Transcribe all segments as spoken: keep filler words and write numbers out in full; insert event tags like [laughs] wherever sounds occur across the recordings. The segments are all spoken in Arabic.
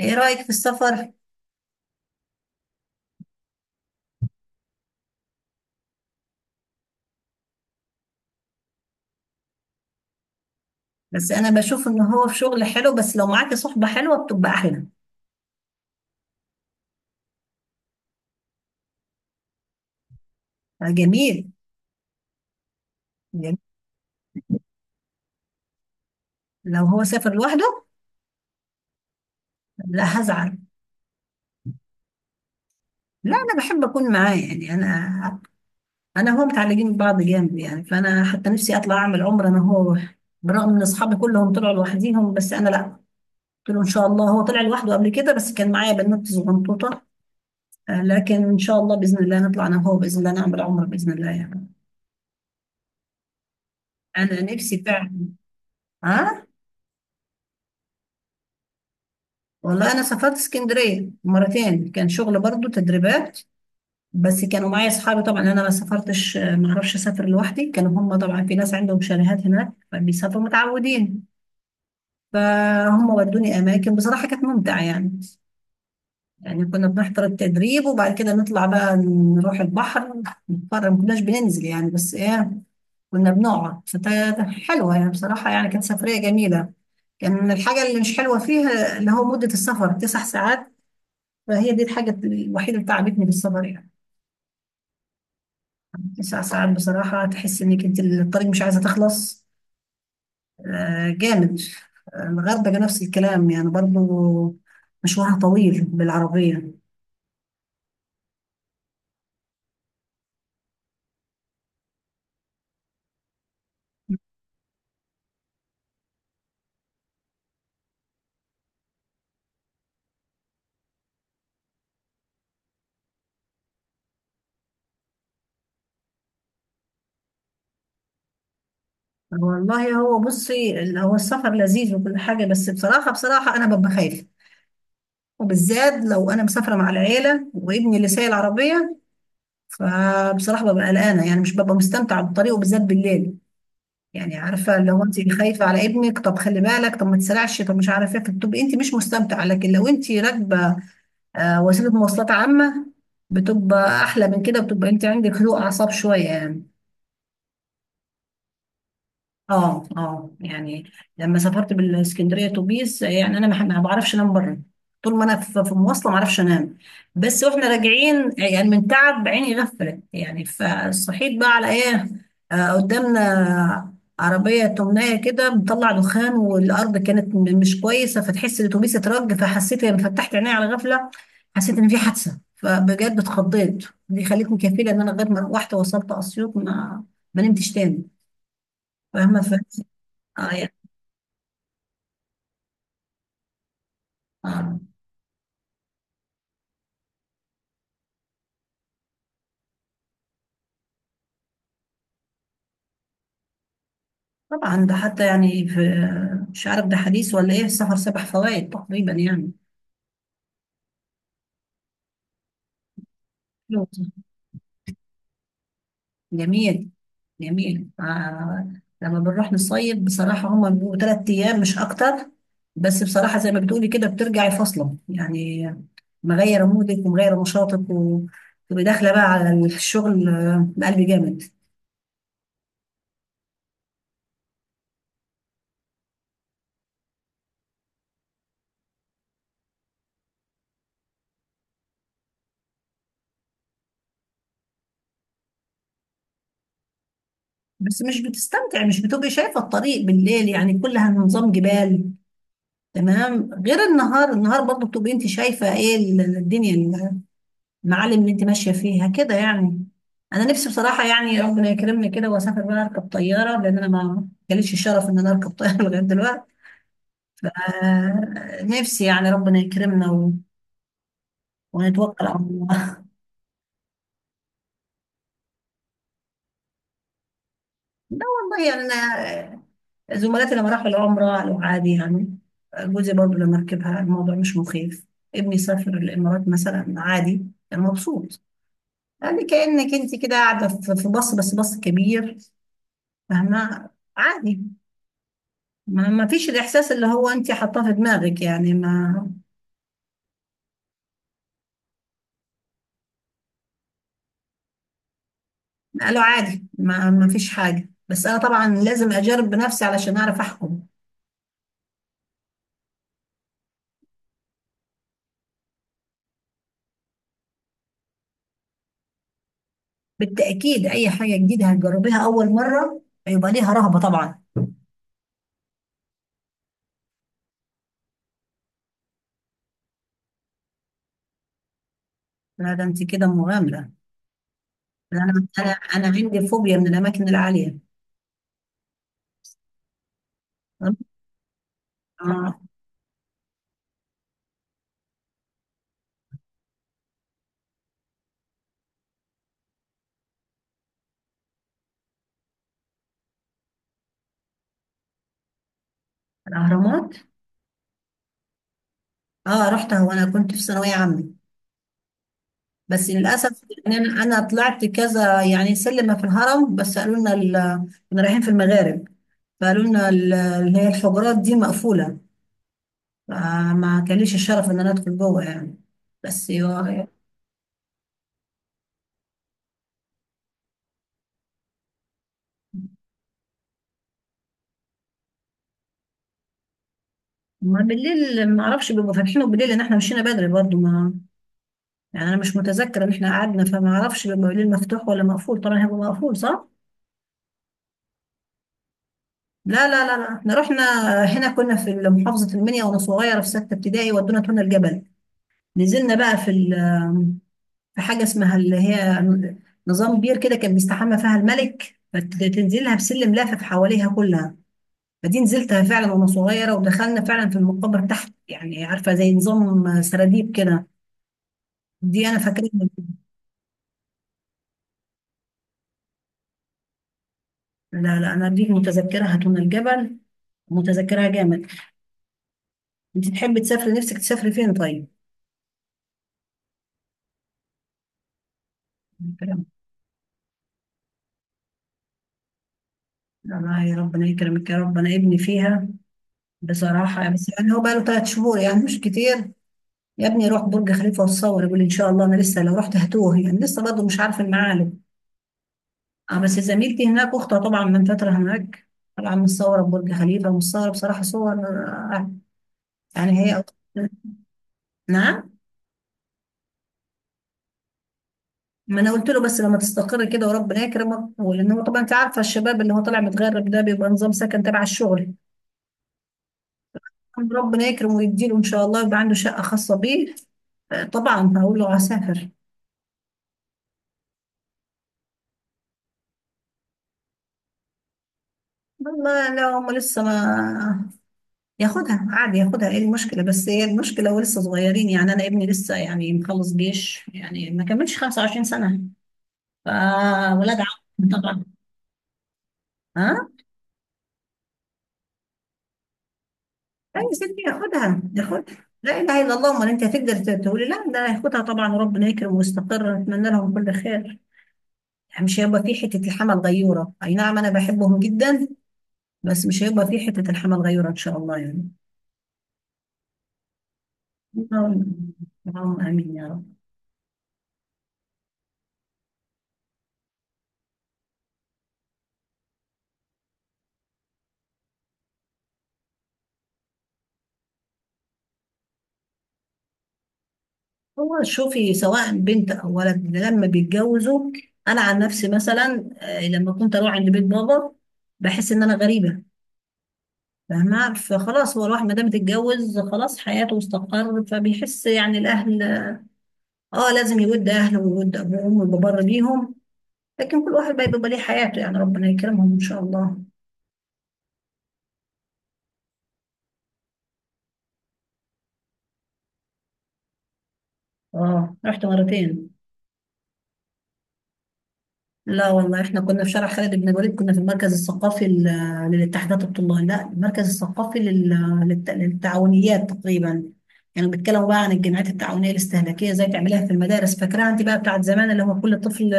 ايه رأيك في السفر؟ بس انا بشوف ان هو في شغل حلو، بس لو معاكي صحبة حلوة بتبقى احلى. آه، جميل. جميل. لو هو سافر لوحده، لا هزعل. لا انا بحب اكون معاه، يعني انا انا هو متعلقين ببعض جامد يعني، فانا حتى نفسي اطلع اعمل عمرة انا هو. برغم ان اصحابي كلهم طلعوا لوحديهم بس انا لا. قلت له ان شاء الله، هو طلع لوحده قبل كده بس كان معايا بنات صغنطوطة. آه، لكن ان شاء الله باذن الله نطلع انا وهو باذن الله، نعمل عمرة باذن الله يعني. انا نفسي فعلا. ها. والله انا سافرت اسكندريه مرتين، كان شغل برضو تدريبات. بس كانوا معايا اصحابي طبعا، انا ما سافرتش، ما اعرفش اسافر لوحدي. كانوا هم طبعا في ناس عندهم شاليهات هناك فبيسافروا متعودين. فهم ودوني اماكن بصراحه، كانت ممتعه يعني. يعني كنا بنحضر التدريب وبعد كده نطلع بقى نروح البحر نتفرج، ما كناش بننزل يعني، بس ايه، كنا بنقعد، فكانت حلوه يعني بصراحه، يعني كانت سفريه جميله. كان الحاجه اللي مش حلوه فيها اللي هو مده السفر تسع ساعات. فهي دي الحاجة الوحيدة اللي تعبتني بالسفر يعني. تسع ساعات بصراحة تحس انك انت الطريق مش عايزة تخلص. آه جامد. آه، الغردقة نفس الكلام يعني برضو، مشوارها طويل بالعربية. والله هو بصي، ال- هو السفر لذيذ وكل حاجة، بس بصراحة بصراحة أنا ببقى خايفة، وبالذات لو أنا مسافرة مع العيلة وابني اللي سايق العربية. فبصراحة ببقى قلقانة، يعني مش ببقى مستمتعة بالطريق، وبالذات بالليل. يعني عارفه، لو انت خايفه على ابنك طب خلي بالك، طب ما تسرعش، طب مش عارفه ايه، بتبقي انت مش مستمتعه. لكن لو انت راكبه آه، وسيله مواصلات عامه بتبقى احلى من كده، بتبقى انت عندك هدوء اعصاب شويه يعني. اه اه يعني. لما سافرت بالاسكندريه اتوبيس يعني، انا ما ما بعرفش انام بره. طول ما انا في في مواصله ما اعرفش انام. بس واحنا راجعين يعني من تعب عيني غفلت يعني، فصحيت بقى على ايه؟ آه قدامنا عربيه تمنايه كده بتطلع دخان، والارض كانت م- مش كويسه، فتحس الاتوبيس اترج، فحسيت لما فتحت عيني على غفله حسيت ان في حادثه، فبجد اتخضيت. دي خلتني كفيله ان انا لغايه ما روحت وصلت اسيوط ما ما نمتش تاني. فاهمه. اه يعني. آه. طبعا ده حتى يعني في، مش عارف ده حديث ولا ايه، السفر سبع فوائد تقريبا يعني. حلو. جميل. جميل آه. لما بنروح نصيف بصراحة هما بيبقوا تلات أيام مش أكتر. بس بصراحة زي ما بتقولي كده، بترجعي فاصلة يعني، مغيرة مودك ومغيرة نشاطك، وتبقي داخلة بقى على الشغل آه، بقلب جامد. بس مش بتستمتعي، مش بتبقي شايفة الطريق بالليل، يعني كلها نظام جبال. تمام، غير النهار. النهار برضو بتبقي انت شايفه ايه ال- الدنيا، المعالم اللي انت ماشيه فيها كده يعني. انا نفسي بصراحه يعني ربنا يكرمني كده واسافر بقى اركب طياره، لان انا ما جاليش الشرف ان انا اركب طياره [laughs] لغايه دلوقتي. آه نفسي يعني ربنا يكرمنا و... ونتوكل على الله [laughs] لا والله يعني انا، زملاتي لما راحوا العمره قالوا عادي يعني. جوزي برضو لما ركبها الموضوع مش مخيف. ابني سافر الامارات مثلا عادي، كان مبسوط. يعني كأنك انت كده قاعدة في في باص بس باص كبير. فاهمة. عادي. ما ما فيش الإحساس اللي هو انت حاطاه في دماغك يعني ما. قالوا عادي، ما ما فيش حاجة، بس أنا طبعا لازم أجرب بنفسي علشان أعرف أحكم. بالتأكيد أي حاجة جديدة هتجربيها أول مرة هيبقى ليها رهبة طبعا. لا ده انت كده مغامرة. أنا. أنا أنا عندي فوبيا من الأماكن العالية. آه. الأهرامات. اه رحتها وأنا كنت في ثانوية عامة، بس للاسف يعني انا، أنا طلعت كذا يعني سلمه في الهرم، بس قالوا لنا ال- كنا رايحين في المغارب، فقالوا لنا ال- اللي هي الحجرات دي مقفوله، فما كان ليش الشرف ان انا ادخل جوه يعني. بس يو- ما بالليل ما اعرفش بيبقوا فاتحين، وبالليل ان احنا مشينا بدري برضو ما، يعني انا مش متذكره ان احنا قعدنا، فما اعرفش بيبقى بالليل مفتوح ولا مقفول. طبعا هيبقى مقفول صح؟ لا لا لا لا، احنا رحنا. هنا كنا في محافظه المنيا وانا صغيره في سته ابتدائي، ودونا تونا الجبل، نزلنا بقى في، في حاجة اسمها اللي هي، نظام بير كده كان بيستحمى فيها الملك، فتنزلها بسلم لافف حواليها كلها. فدي نزلتها فعلا وانا صغيرة، ودخلنا فعلا في المقبرة تحت يعني، عارفة زي نظام سراديب كده. دي انا فاكراها. لا لا انا دي متذكرها دون الجبل. متذكرها جامد. انت تحبي تسافري، نفسك تسافري فين طيب؟ الكلام. الله، يا ربنا يكرمك يا رب. انا ابني فيها بصراحة، بس يعني هو بقاله ثلاث شهور يعني مش كتير. يا ابني روح برج خليفة وتصور، يقول إن شاء الله، أنا لسه لو رحت هتوه يعني، لسه برضه مش عارف المعالم. آه بس زميلتي هناك أختها طبعا من فترة هناك، طالعة متصورة ببرج خليفة ومتصورة بصراحة صور آه، يعني هي أخت- نعم. ما أنا قلت له بس لما تستقر كده وربنا يكرمك، ولأن هو طبعا أنت عارفة الشباب اللي هو طالع متغرب ده بيبقى نظام سكن تبع الشغل. ربنا يكرمه ويديله إن شاء الله يبقى عنده شقة خاصة بيه. آه، طبعا هقول له هسافر. والله لا هم لسه ما، ياخدها عادي، ياخدها ايه المشكلة، بس هي المشكلة ولسه صغيرين يعني. انا ابني لسه يعني مخلص جيش، يعني ما كملش خمسة وعشرين سنة، فولاد عم طبعا. ها. لا يا ستي ياخدها ياخدها. لا اله الا الله، امال انت هتقدر ت- تقولي لا؟ ده هياخدها طبعا، وربنا يكرم ويستقر، نتمنى لهم كل خير. يعني مش هيبقى في حتة الحمل غيورة، اي نعم انا بحبهم جدا، بس مش هيبقى في حتة الحمل غيورة ان شاء الله يعني. اللهم آمين يا رب. هو شوفي سواء بنت او ولد لما بيتجوزوا، انا عن نفسي مثلا آه، لما كنت اروح عند بيت بابا بحس ان انا غريبه. فاهمه. فخلاص هو الواحد ما دام اتجوز خلاص حياته استقر، فبيحس يعني الاهل، اه لازم يود اهله ويود ابوه وامه ويبقى بر بيهم، لكن كل واحد بقى بيبقى ليه حياته. يعني ربنا يكرمهم ان شاء الله. اه رحت مرتين. لا والله احنا كنا في شارع خالد بن الوليد، كنا في المركز الثقافي لل- للاتحادات الطلاب، لا المركز الثقافي لل- للت- للتعاونيات تقريبا. يعني بيتكلموا بقى عن الجمعيات التعاونية الاستهلاكية زي تعمليها في المدارس، فاكراها انت بقى بتاعت زمان اللي هو كل طفل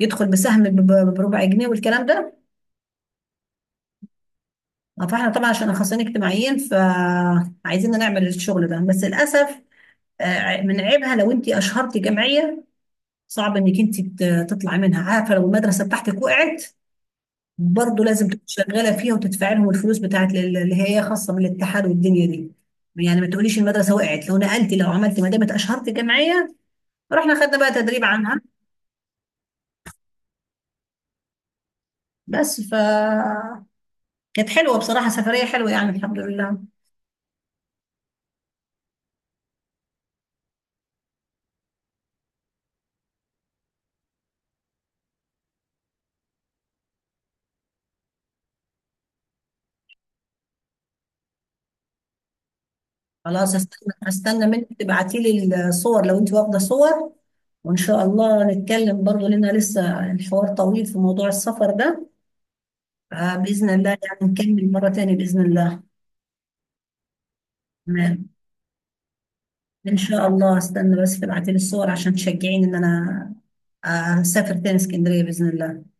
يدخل بسهم ب- ب- بربع جنيه والكلام ده. اه، فاحنا طبعا عشان اخصائيين اجتماعيين فعايزين نعمل الشغل ده، بس للاسف. اه، من عيبها لو انت اشهرتي جمعية، صعب انك انت تطلعي منها. عارفة لو المدرسة بتاعتك وقعت، برضه لازم تكون شغاله فيها وتدفع لهم الفلوس بتاعت ال- اللي هي خاصه من الاتحاد والدنيا دي. يعني ما تقوليش المدرسه وقعت لو نقلتي لو عملتي، ما دام اشهرتي جمعيه. رحنا خدنا بقى تدريب عنها. بس ف كانت حلوه بصراحه، سفريه حلوه يعني الحمد لله. خلاص استنى، استنى منك تبعتي لي الصور لو انت واخده صور، وان شاء الله نتكلم برضه، لان لسه الحوار طويل في موضوع السفر ده، فباذن الله يعني نكمل مره تاني باذن الله. تمام. ان شاء الله. استنى بس تبعتي لي الصور عشان تشجعيني ان انا اسافر تاني اسكندريه باذن الله.